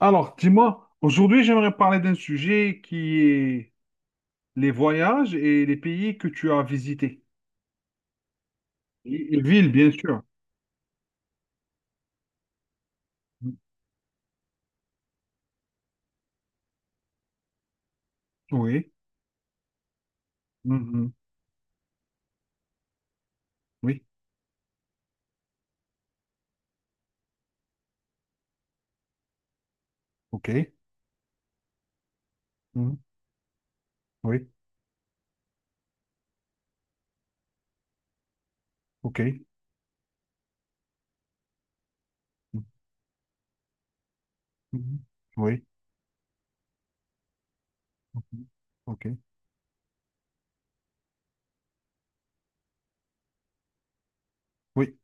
Alors, dis-moi, aujourd'hui, j'aimerais parler d'un sujet qui est les voyages et les pays que tu as visités. Et les villes, bien sûr. Oui. Mhm. Oui. OK. Mhm. Oui. OK. Mhm. Mhm. Oui. Mhm. OK. Oui.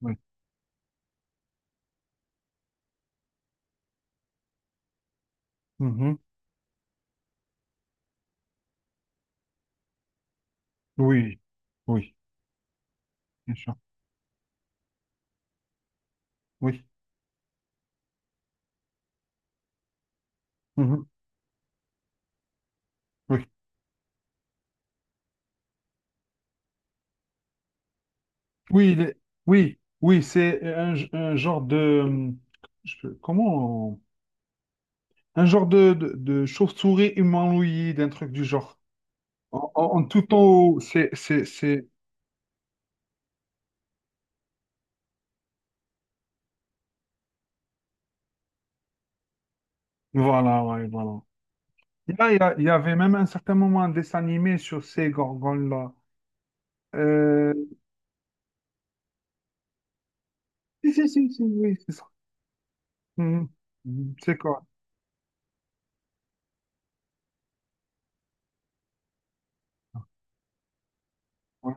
Oui. Mhm. Oui. Oui. Bien sûr. Oui. Mhm. Oui. Oui. Oui. Oui. C'est un genre de. Comment? Un genre de chauve-souris humanoïde, un truc du genre. En tout en haut, c'est. Voilà, ouais, voilà. Il y avait même un certain moment un dessin animé sur ces gorgones-là. Euh, Si, si, si, si, oui, c'est ça. Mhm. Mhm, c'est quoi? Ouais.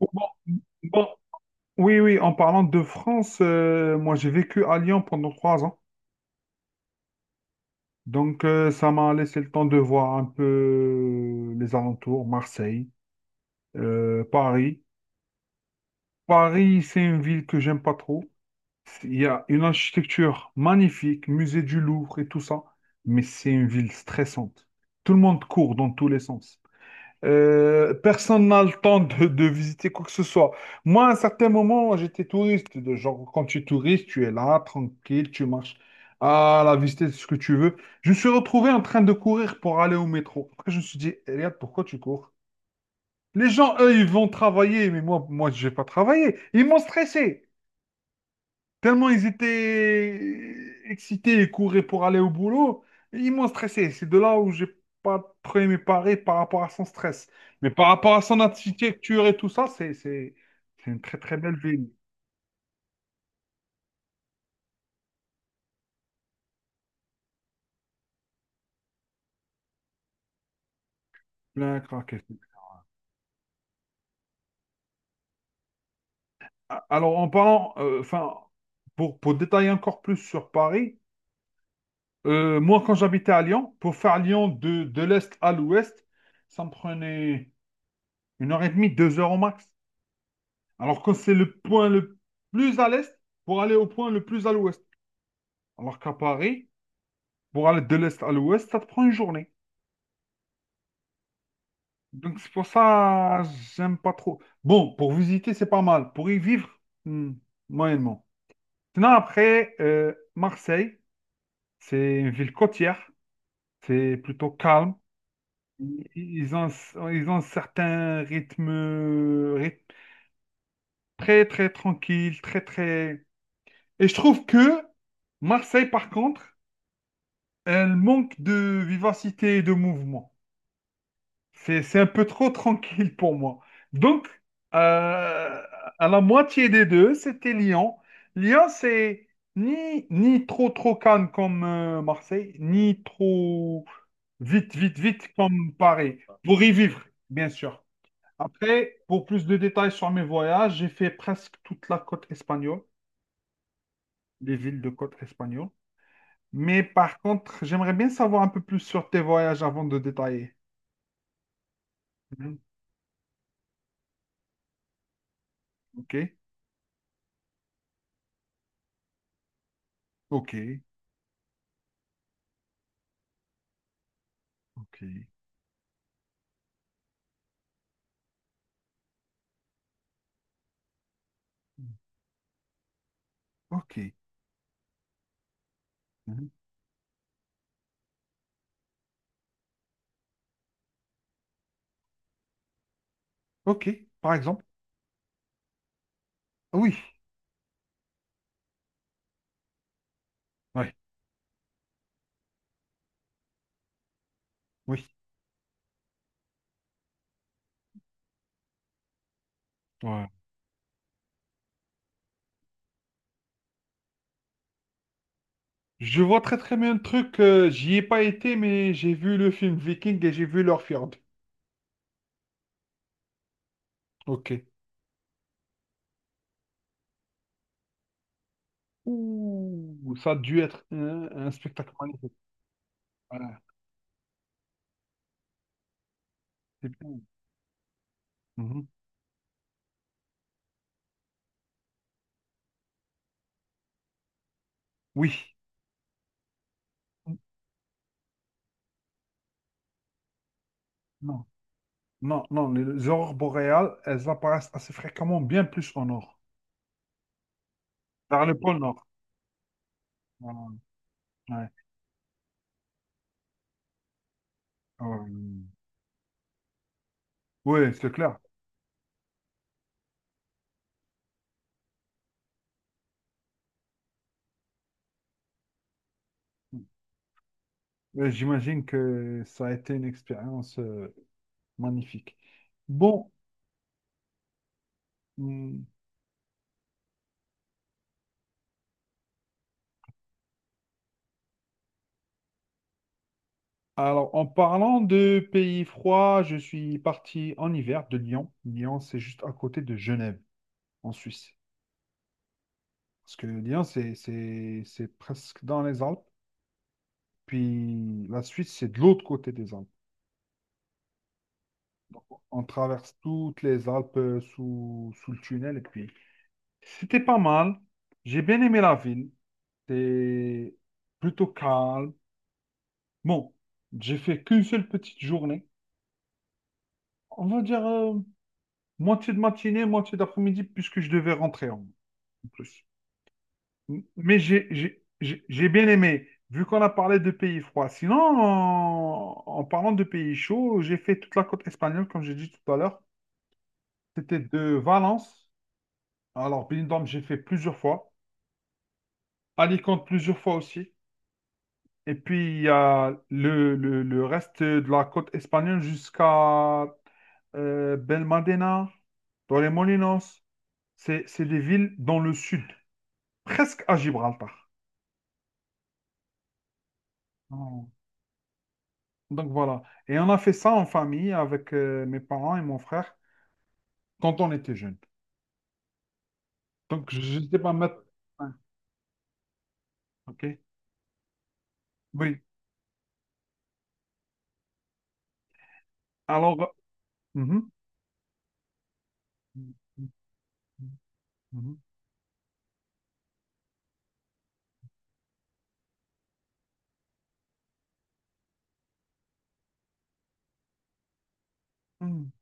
Bon, bon, bon, oui, oui, en parlant de France, moi j'ai vécu à Lyon pendant 3 ans. Donc ça m'a laissé le temps de voir un peu les alentours, Marseille, Paris. Paris, c'est une ville que j'aime pas trop. Il y a une architecture magnifique, musée du Louvre et tout ça, mais c'est une ville stressante. Tout le monde court dans tous les sens. Personne n'a le temps de visiter quoi que ce soit. Moi, à un certain moment, j'étais touriste. De genre, quand tu es touriste, tu es là, tranquille, tu marches à la visiter ce que tu veux. Je me suis retrouvé en train de courir pour aller au métro. Après, je me suis dit, regarde, pourquoi tu cours? Les gens, eux, ils vont travailler, mais moi, je vais pas travailler. Ils m'ont stressé. Tellement ils étaient excités et couraient pour aller au boulot, ils m'ont stressé. C'est de là où j'ai pas trop aimé Paris par rapport à son stress. Mais par rapport à son architecture et tout ça, c'est une très très belle ville. Plein à craquer. Alors en parlant, enfin, pour détailler encore plus sur Paris, moi quand j'habitais à Lyon, pour faire Lyon de l'est à l'ouest, ça me prenait 1 heure et demie, 2 heures au max. Alors que c'est le point le plus à l'est pour aller au point le plus à l'ouest. Alors qu'à Paris, pour aller de l'est à l'ouest, ça te prend une journée. Donc c'est pour ça, j'aime pas trop. Bon, pour visiter, c'est pas mal. Pour y vivre, hmm, moyennement. Sinon, après, Marseille, c'est une ville côtière. C'est plutôt calme. Ils ont, ils ont un certain rythme, très, très tranquille, très, très. Et je trouve que Marseille, par contre, elle manque de vivacité et de mouvement. C'est un peu trop tranquille pour moi. Donc, euh, à la moitié des deux, c'était Lyon. Lyon, c'est ni trop calme comme Marseille, ni trop vite, vite, vite comme Paris. Pour y vivre, bien sûr. Après, pour plus de détails sur mes voyages, j'ai fait presque toute la côte espagnole, les villes de côte espagnole. Mais par contre, j'aimerais bien savoir un peu plus sur tes voyages avant de détailler. Mhm. OK, OK, OK. Mhm. OK. Mhm. OK, par exemple. Ah oui, ouais, oui. Ouais. Je vois très très bien le truc. J'y ai pas été, mais j'ai vu le film Viking et j'ai vu leur fjord. OK. Ouh, ça a dû être un spectacle magnifique. Voilà, c'est bien. Mhm. Oui. Non, non, non. Les aurores boréales, elles apparaissent assez fréquemment, bien plus au nord, vers le pôle nord. Voilà. Ouais. Euh, ouais, c'est clair. J'imagine que ça a été une expérience magnifique. Bon, hum, alors en parlant de pays froids, je suis parti en hiver de Lyon. Lyon, c'est juste à côté de Genève, en Suisse. Parce que Lyon, c'est presque dans les Alpes. Puis la Suisse, c'est de l'autre côté des Alpes. On traverse toutes les Alpes sous le tunnel. Et puis, c'était pas mal. J'ai bien aimé la ville. C'est plutôt calme. Bon, j'ai fait qu'une seule petite journée. On va dire moitié de matinée, moitié d'après-midi, puisque je devais rentrer en plus. Mais j'ai bien aimé, vu qu'on a parlé de pays froids. Sinon, en parlant de pays chauds, j'ai fait toute la côte espagnole, comme j'ai dit tout à l'heure. C'était de Valence. Alors, Benidorm, j'ai fait plusieurs fois. Alicante, plusieurs fois aussi. Et puis, il y a le reste de la côte espagnole jusqu'à Belmadena, dans les Molinos. C'est des villes dans le sud, presque à Gibraltar. Oh. Donc voilà. Et on a fait ça en famille avec mes parents et mon frère quand on était jeunes. Donc, je ne sais pas mettre. OK? Oui. Alors. Mhm. Mhm. Mhm.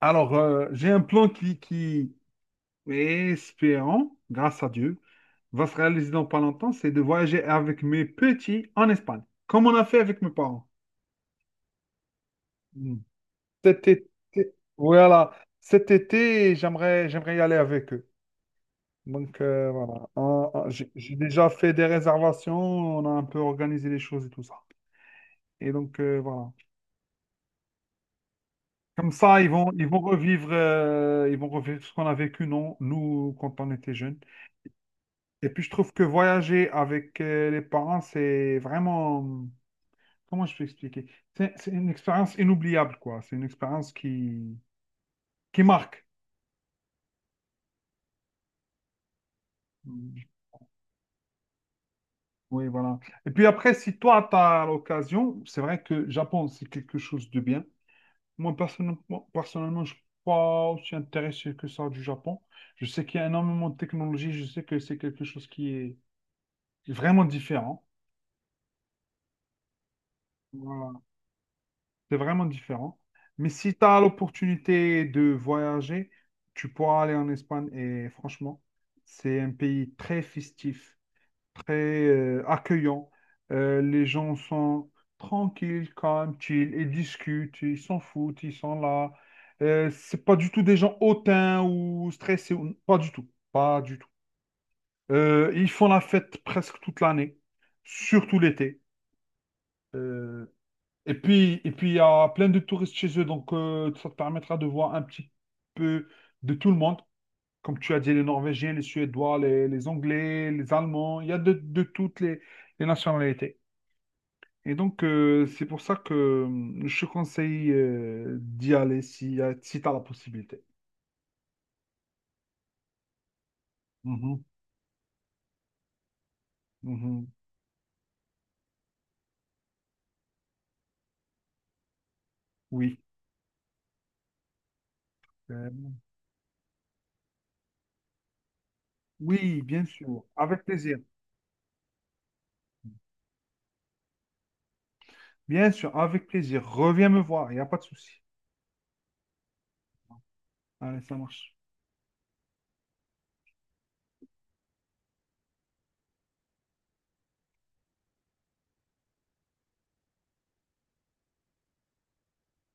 Alors, j'ai un plan qui est espérant, grâce à Dieu, va se réaliser dans pas longtemps, c'est de voyager avec mes petits en Espagne, comme on a fait avec mes parents. Hmm. Cet été, voilà, cet été, j'aimerais y aller avec eux. Donc, voilà, j'ai déjà fait des réservations, on a un peu organisé les choses et tout ça. Et donc, voilà. Comme ça, ils vont revivre ce qu'on a vécu, non, nous, quand on était jeunes. Et puis, je trouve que voyager avec les parents, c'est vraiment, comment je peux expliquer? C'est une expérience inoubliable, quoi. C'est une expérience qui marque. Oui, voilà. Et puis après, si toi, tu as l'occasion, c'est vrai que Japon, c'est quelque chose de bien. Moi, personnellement, je ne suis pas aussi intéressé que ça du Japon. Je sais qu'il y a énormément de technologie, je sais que c'est quelque chose qui est vraiment différent. Voilà. C'est vraiment différent. Mais si tu as l'opportunité de voyager, tu pourras aller en Espagne. Et franchement, c'est un pays très festif, très accueillant. Les gens sont tranquilles, calmes, chill, ils discutent, ils s'en foutent, ils sont là. C'est pas du tout des gens hautains ou stressés. Pas du tout. Pas du tout. Ils font la fête presque toute l'année, surtout l'été. Euh, et puis, il y a plein de touristes chez eux, donc ça te permettra de voir un petit peu de tout le monde. Comme tu as dit, les Norvégiens, les Suédois, les Anglais, les Allemands, il y a de toutes les nationalités. Et donc, c'est pour ça que je te conseille d'y aller si tu as la possibilité. Mhm, mhm, oui. Euh, oui, bien sûr. Avec plaisir. Bien sûr, avec plaisir. Reviens me voir, il n'y a pas de souci. Allez, ça marche.